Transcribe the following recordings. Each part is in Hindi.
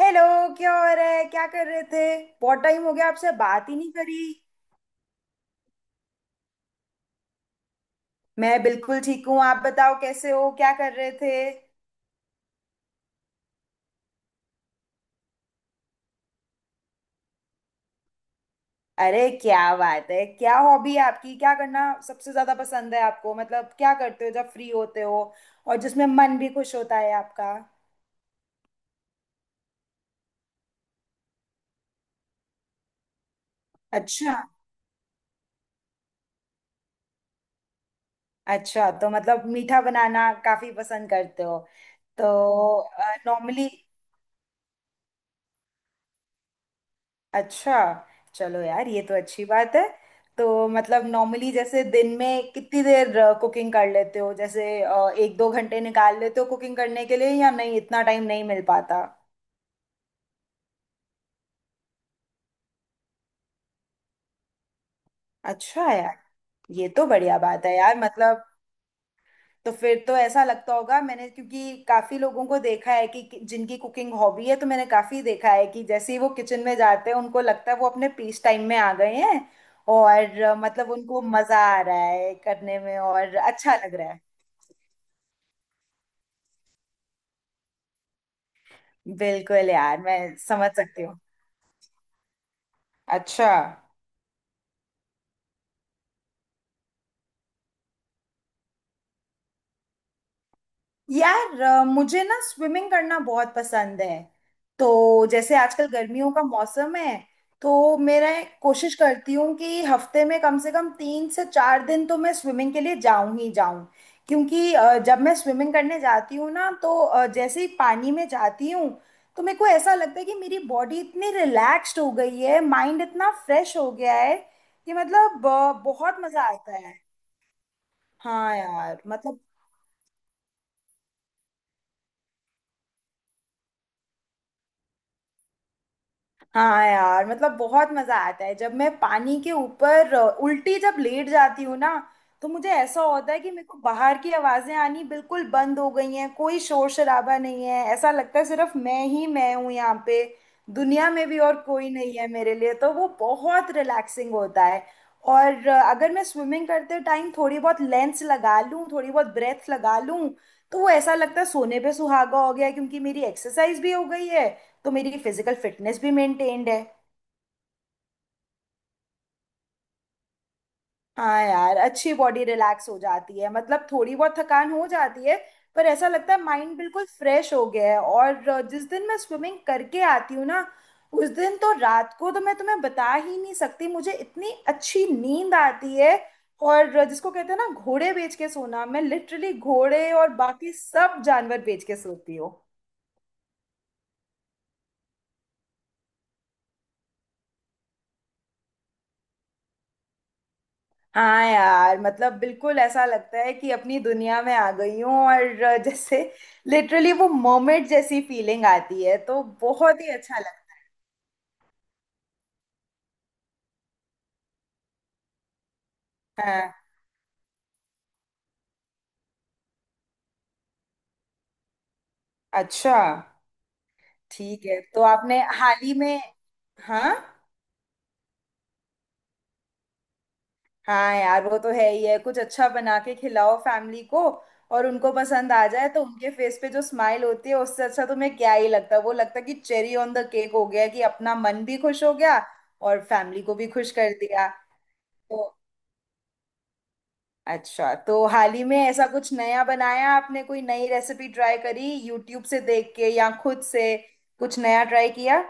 हेलो। क्या हो रहा है, क्या कर रहे थे? बहुत टाइम हो गया, आपसे बात ही नहीं करी। मैं बिल्कुल ठीक हूँ। आप बताओ कैसे हो, क्या कर रहे थे? अरे क्या बात है! क्या हॉबी है आपकी, क्या करना सबसे ज्यादा पसंद है आपको, मतलब क्या करते हो जब फ्री होते हो और जिसमें मन भी खुश होता है आपका? अच्छा। अच्छा, तो मतलब मीठा बनाना काफी पसंद करते हो तो। नॉर्मली। अच्छा। चलो यार, ये तो अच्छी बात है। तो मतलब नॉर्मली जैसे दिन में कितनी देर कुकिंग कर लेते हो, जैसे एक दो घंटे निकाल लेते हो कुकिंग करने के लिए, या नहीं इतना टाइम नहीं मिल पाता? अच्छा यार, ये तो बढ़िया बात है यार। मतलब तो फिर तो ऐसा लगता होगा, मैंने क्योंकि काफी लोगों को देखा है जिनकी कुकिंग हॉबी है, तो मैंने काफी देखा है कि जैसे ही वो किचन में जाते हैं, उनको लगता है वो अपने पीस टाइम में आ गए हैं। और मतलब उनको मजा आ रहा है करने में और अच्छा लग रहा है। बिल्कुल यार, मैं समझ सकती हूँ। अच्छा यार, मुझे ना स्विमिंग करना बहुत पसंद है। तो जैसे आजकल गर्मियों का मौसम है, तो मेरा कोशिश करती हूँ कि हफ्ते में कम से कम तीन से चार दिन तो मैं स्विमिंग के लिए जाऊं ही जाऊं। क्योंकि जब मैं स्विमिंग करने जाती हूँ ना, तो जैसे ही पानी में जाती हूँ, तो मेरे को ऐसा लगता है कि मेरी बॉडी इतनी रिलैक्स्ड हो गई है, माइंड इतना फ्रेश हो गया है। कि मतलब बहुत मजा आता है। हाँ यार मतलब। हाँ यार मतलब बहुत मजा आता है, जब मैं पानी के ऊपर उल्टी जब लेट जाती हूँ ना, तो मुझे ऐसा होता है कि मेरे को बाहर की आवाजें आनी बिल्कुल बंद हो गई हैं, कोई शोर शराबा नहीं है, ऐसा लगता है सिर्फ मैं ही मैं हूँ यहाँ पे, दुनिया में भी और कोई नहीं है मेरे लिए। तो वो बहुत रिलैक्सिंग होता है। और अगर मैं स्विमिंग करते टाइम थोड़ी बहुत लेंस लगा लूँ, थोड़ी बहुत ब्रेथ लगा लूँ, तो वो ऐसा लगता है सोने पे सुहागा हो गया, क्योंकि मेरी एक्सरसाइज भी हो गई है, तो मेरी फिजिकल फिटनेस भी मेंटेन्ड है। हाँ यार, अच्छी बॉडी रिलैक्स हो जाती है, मतलब थोड़ी बहुत थकान हो जाती है, पर ऐसा लगता है माइंड बिल्कुल फ्रेश हो गया है। और जिस दिन मैं स्विमिंग करके आती हूँ ना, उस दिन तो रात को तो मैं तुम्हें बता ही नहीं सकती, मुझे इतनी अच्छी नींद आती है। और जिसको कहते हैं ना घोड़े बेच के सोना, मैं लिटरली घोड़े और बाकी सब जानवर बेच के सोती हूँ। हाँ यार मतलब बिल्कुल ऐसा लगता है कि अपनी दुनिया में आ गई हूँ, और जैसे लिटरली वो मोमेंट जैसी फीलिंग आती है, तो बहुत ही अच्छा लगता है। अच्छा, ठीक है, तो आपने हाल ही में। हाँ। हाँ यार वो तो है ही है, कुछ अच्छा बना के खिलाओ फैमिली को, और उनको पसंद आ जाए तो उनके फेस पे जो स्माइल होती है, उससे अच्छा तुम्हें क्या ही लगता है। वो लगता है कि चेरी ऑन द केक हो गया, कि अपना मन भी खुश हो गया और फैमिली को भी खुश कर दिया। तो अच्छा, तो हाल ही में ऐसा कुछ नया बनाया आपने, कोई नई रेसिपी ट्राई करी यूट्यूब से देख के या खुद से कुछ नया ट्राई किया?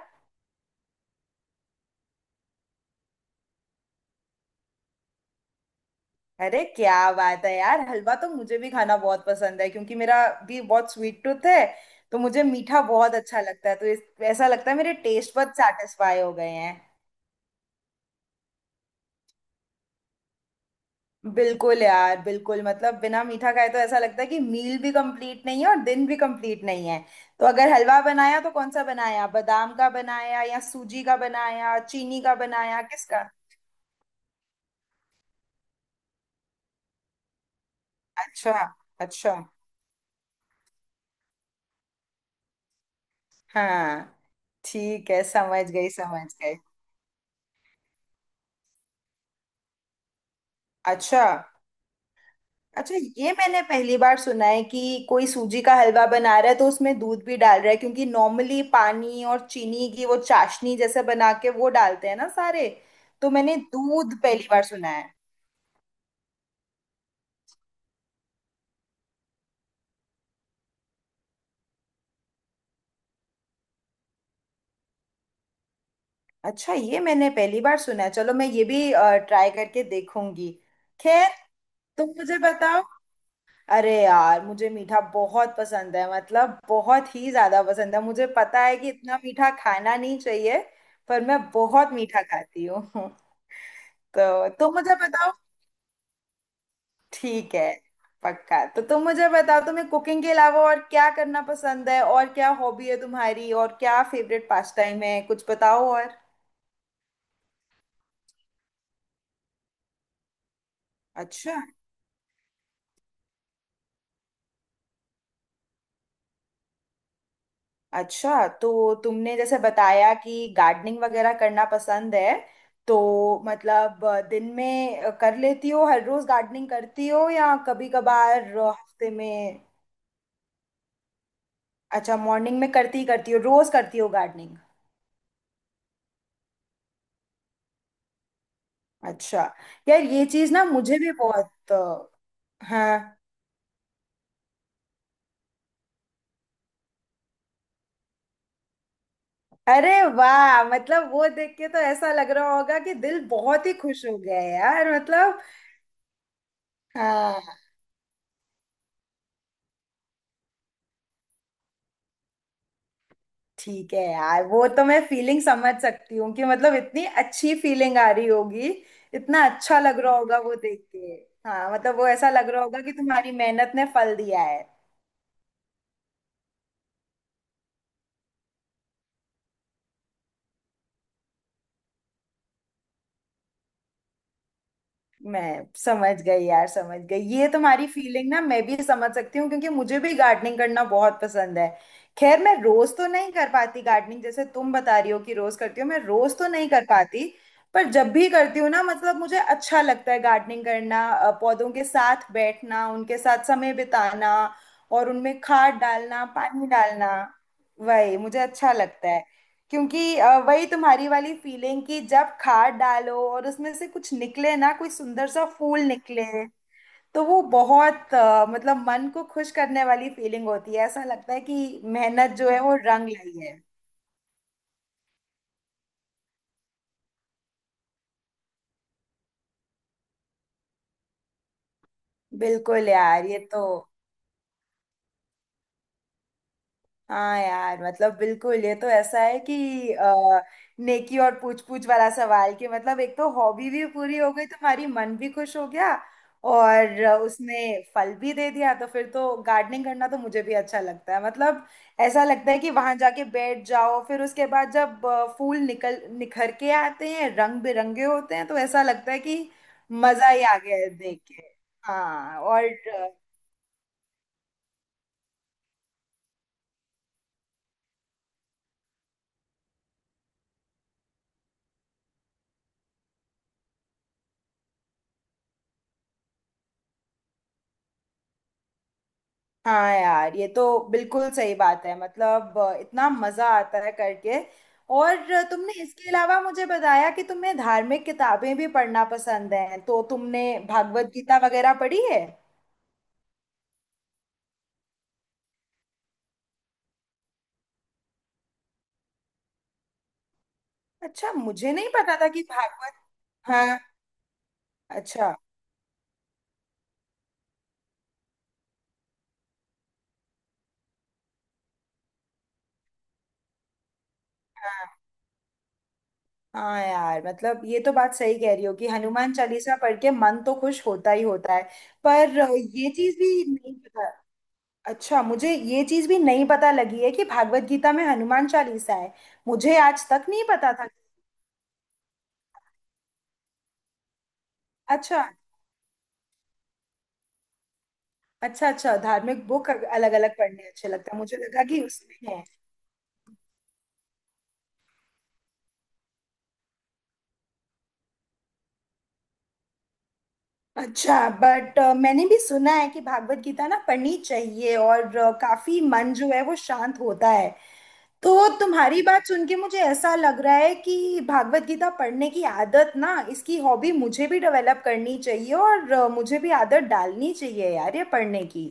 अरे क्या बात है यार, हलवा तो मुझे भी खाना बहुत पसंद है, क्योंकि मेरा भी बहुत स्वीट टूथ है। तो मुझे मीठा बहुत अच्छा लगता है, तो ऐसा लगता है मेरे टेस्ट बड सेटिस्फाई हो गए हैं। बिल्कुल यार बिल्कुल, मतलब बिना मीठा खाए तो ऐसा लगता है कि मील भी कंप्लीट नहीं है और दिन भी कंप्लीट नहीं है। तो अगर हलवा बनाया तो कौन सा बनाया, बादाम का बनाया या सूजी का बनाया, चीनी का बनाया, किसका? अच्छा। अच्छा, हाँ, ठीक है, समझ गई, समझ गई। अच्छा। अच्छा, ये मैंने पहली बार सुना है कि कोई सूजी का हलवा बना रहा है तो उसमें दूध भी डाल रहा है, क्योंकि नॉर्मली पानी और चीनी की वो चाशनी जैसे बना के वो डालते हैं ना सारे। तो मैंने दूध पहली बार सुना है। अच्छा, ये मैंने पहली बार सुना है। चलो, मैं ये भी ट्राई करके देखूंगी। खैर, तुम मुझे बताओ। अरे यार, मुझे मीठा बहुत पसंद है, मतलब बहुत ही ज्यादा पसंद है। मुझे पता है कि इतना मीठा खाना नहीं चाहिए, पर मैं बहुत मीठा खाती हूँ। तो तुम मुझे बताओ। ठीक है, पक्का। तो तुम मुझे बताओ तुम्हें कुकिंग के अलावा और क्या करना पसंद है, और क्या हॉबी है तुम्हारी, और क्या फेवरेट पास टाइम है, कुछ बताओ और। अच्छा। अच्छा, तो तुमने जैसे बताया कि गार्डनिंग वगैरह करना पसंद है, तो मतलब दिन में कर लेती हो हर रोज गार्डनिंग करती हो, या कभी कभार हफ्ते में? अच्छा, मॉर्निंग में करती ही करती हो, रोज करती हो गार्डनिंग। अच्छा यार, ये चीज ना मुझे भी बहुत हाँ। अरे वाह, मतलब वो देख के तो ऐसा लग रहा होगा कि दिल बहुत ही खुश हो गया है यार, मतलब। हाँ, ठीक है यार, वो तो मैं फीलिंग समझ सकती हूँ, कि मतलब इतनी अच्छी फीलिंग आ रही होगी, इतना अच्छा लग रहा होगा वो देख के। हाँ मतलब वो ऐसा लग रहा होगा कि तुम्हारी मेहनत ने फल दिया है। मैं समझ गई यार, समझ गई ये तुम्हारी फीलिंग ना, मैं भी समझ सकती हूँ क्योंकि मुझे भी गार्डनिंग करना बहुत पसंद है। खैर मैं रोज तो नहीं कर पाती गार्डनिंग, जैसे तुम बता रही हो कि रोज करती हो, मैं रोज तो नहीं कर पाती। पर जब भी करती हूँ ना, मतलब मुझे अच्छा लगता है गार्डनिंग करना, पौधों के साथ बैठना, उनके साथ समय बिताना और उनमें खाद डालना, पानी डालना। वही मुझे अच्छा लगता है, क्योंकि वही तुम्हारी वाली फीलिंग, कि जब खाद डालो और उसमें से कुछ निकले ना, कोई सुंदर सा फूल निकले, तो वो बहुत मतलब मन को खुश करने वाली फीलिंग होती है। ऐसा लगता है कि मेहनत जो है वो रंग लाई है। बिल्कुल यार, ये तो। हाँ यार मतलब बिल्कुल, ये तो ऐसा है कि नेकी और पूछ पूछ वाला सवाल, कि मतलब एक तो हॉबी भी पूरी हो गई तुम्हारी, मन भी खुश हो गया और उसने फल भी दे दिया, तो फिर तो गार्डनिंग करना तो मुझे भी अच्छा लगता है, मतलब। ऐसा लगता है कि वहां जाके बैठ जाओ, फिर उसके बाद जब फूल निकल निखर के आते हैं, रंग बिरंगे होते हैं, तो ऐसा लगता है कि मजा ही आ गया है देख के। हाँ और। हाँ यार, ये तो बिल्कुल सही बात है, मतलब इतना मजा आता है करके। और तुमने इसके अलावा मुझे बताया कि तुम्हें धार्मिक किताबें भी पढ़ना पसंद है, तो तुमने भागवत गीता वगैरह पढ़ी है? अच्छा, मुझे नहीं पता था कि भागवत। हाँ। अच्छा। हाँ हाँ यार, मतलब ये तो बात सही कह रही हो कि हनुमान चालीसा पढ़ के मन तो खुश होता ही होता है। पर ये चीज भी नहीं पता। अच्छा मुझे ये चीज भी नहीं पता लगी है कि भागवत गीता में हनुमान चालीसा है, मुझे आज तक नहीं पता था। अच्छा। अच्छा, अच्छा, धार्मिक बुक अलग अलग पढ़ने अच्छे लगता है, मुझे लगा कि उसमें है। अच्छा। बट मैंने भी सुना है कि भागवत गीता ना पढ़नी चाहिए, और काफी मन जो है वो शांत होता है। तो तुम्हारी बात सुन के मुझे ऐसा लग रहा है कि भागवत गीता पढ़ने की आदत ना, इसकी हॉबी मुझे भी डेवलप करनी चाहिए, और मुझे भी आदत डालनी चाहिए यार ये पढ़ने की।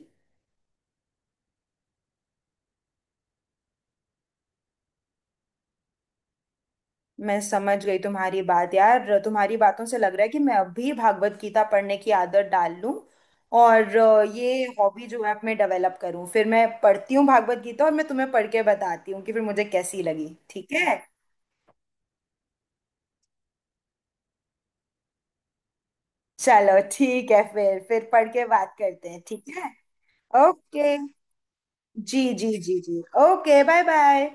मैं समझ गई तुम्हारी बात यार, तुम्हारी बातों से लग रहा है कि मैं अब भी भागवत गीता पढ़ने की आदत डाल लूं, और ये हॉबी जो है मैं डेवलप करूं, फिर मैं पढ़ती हूँ भागवत गीता, और मैं तुम्हें पढ़ के बताती हूँ कि फिर मुझे कैसी लगी, ठीक है? चलो ठीक है, फिर पढ़ के बात करते हैं, ठीक है। ओके। जी जी जी जी, ओके, बाय बाय।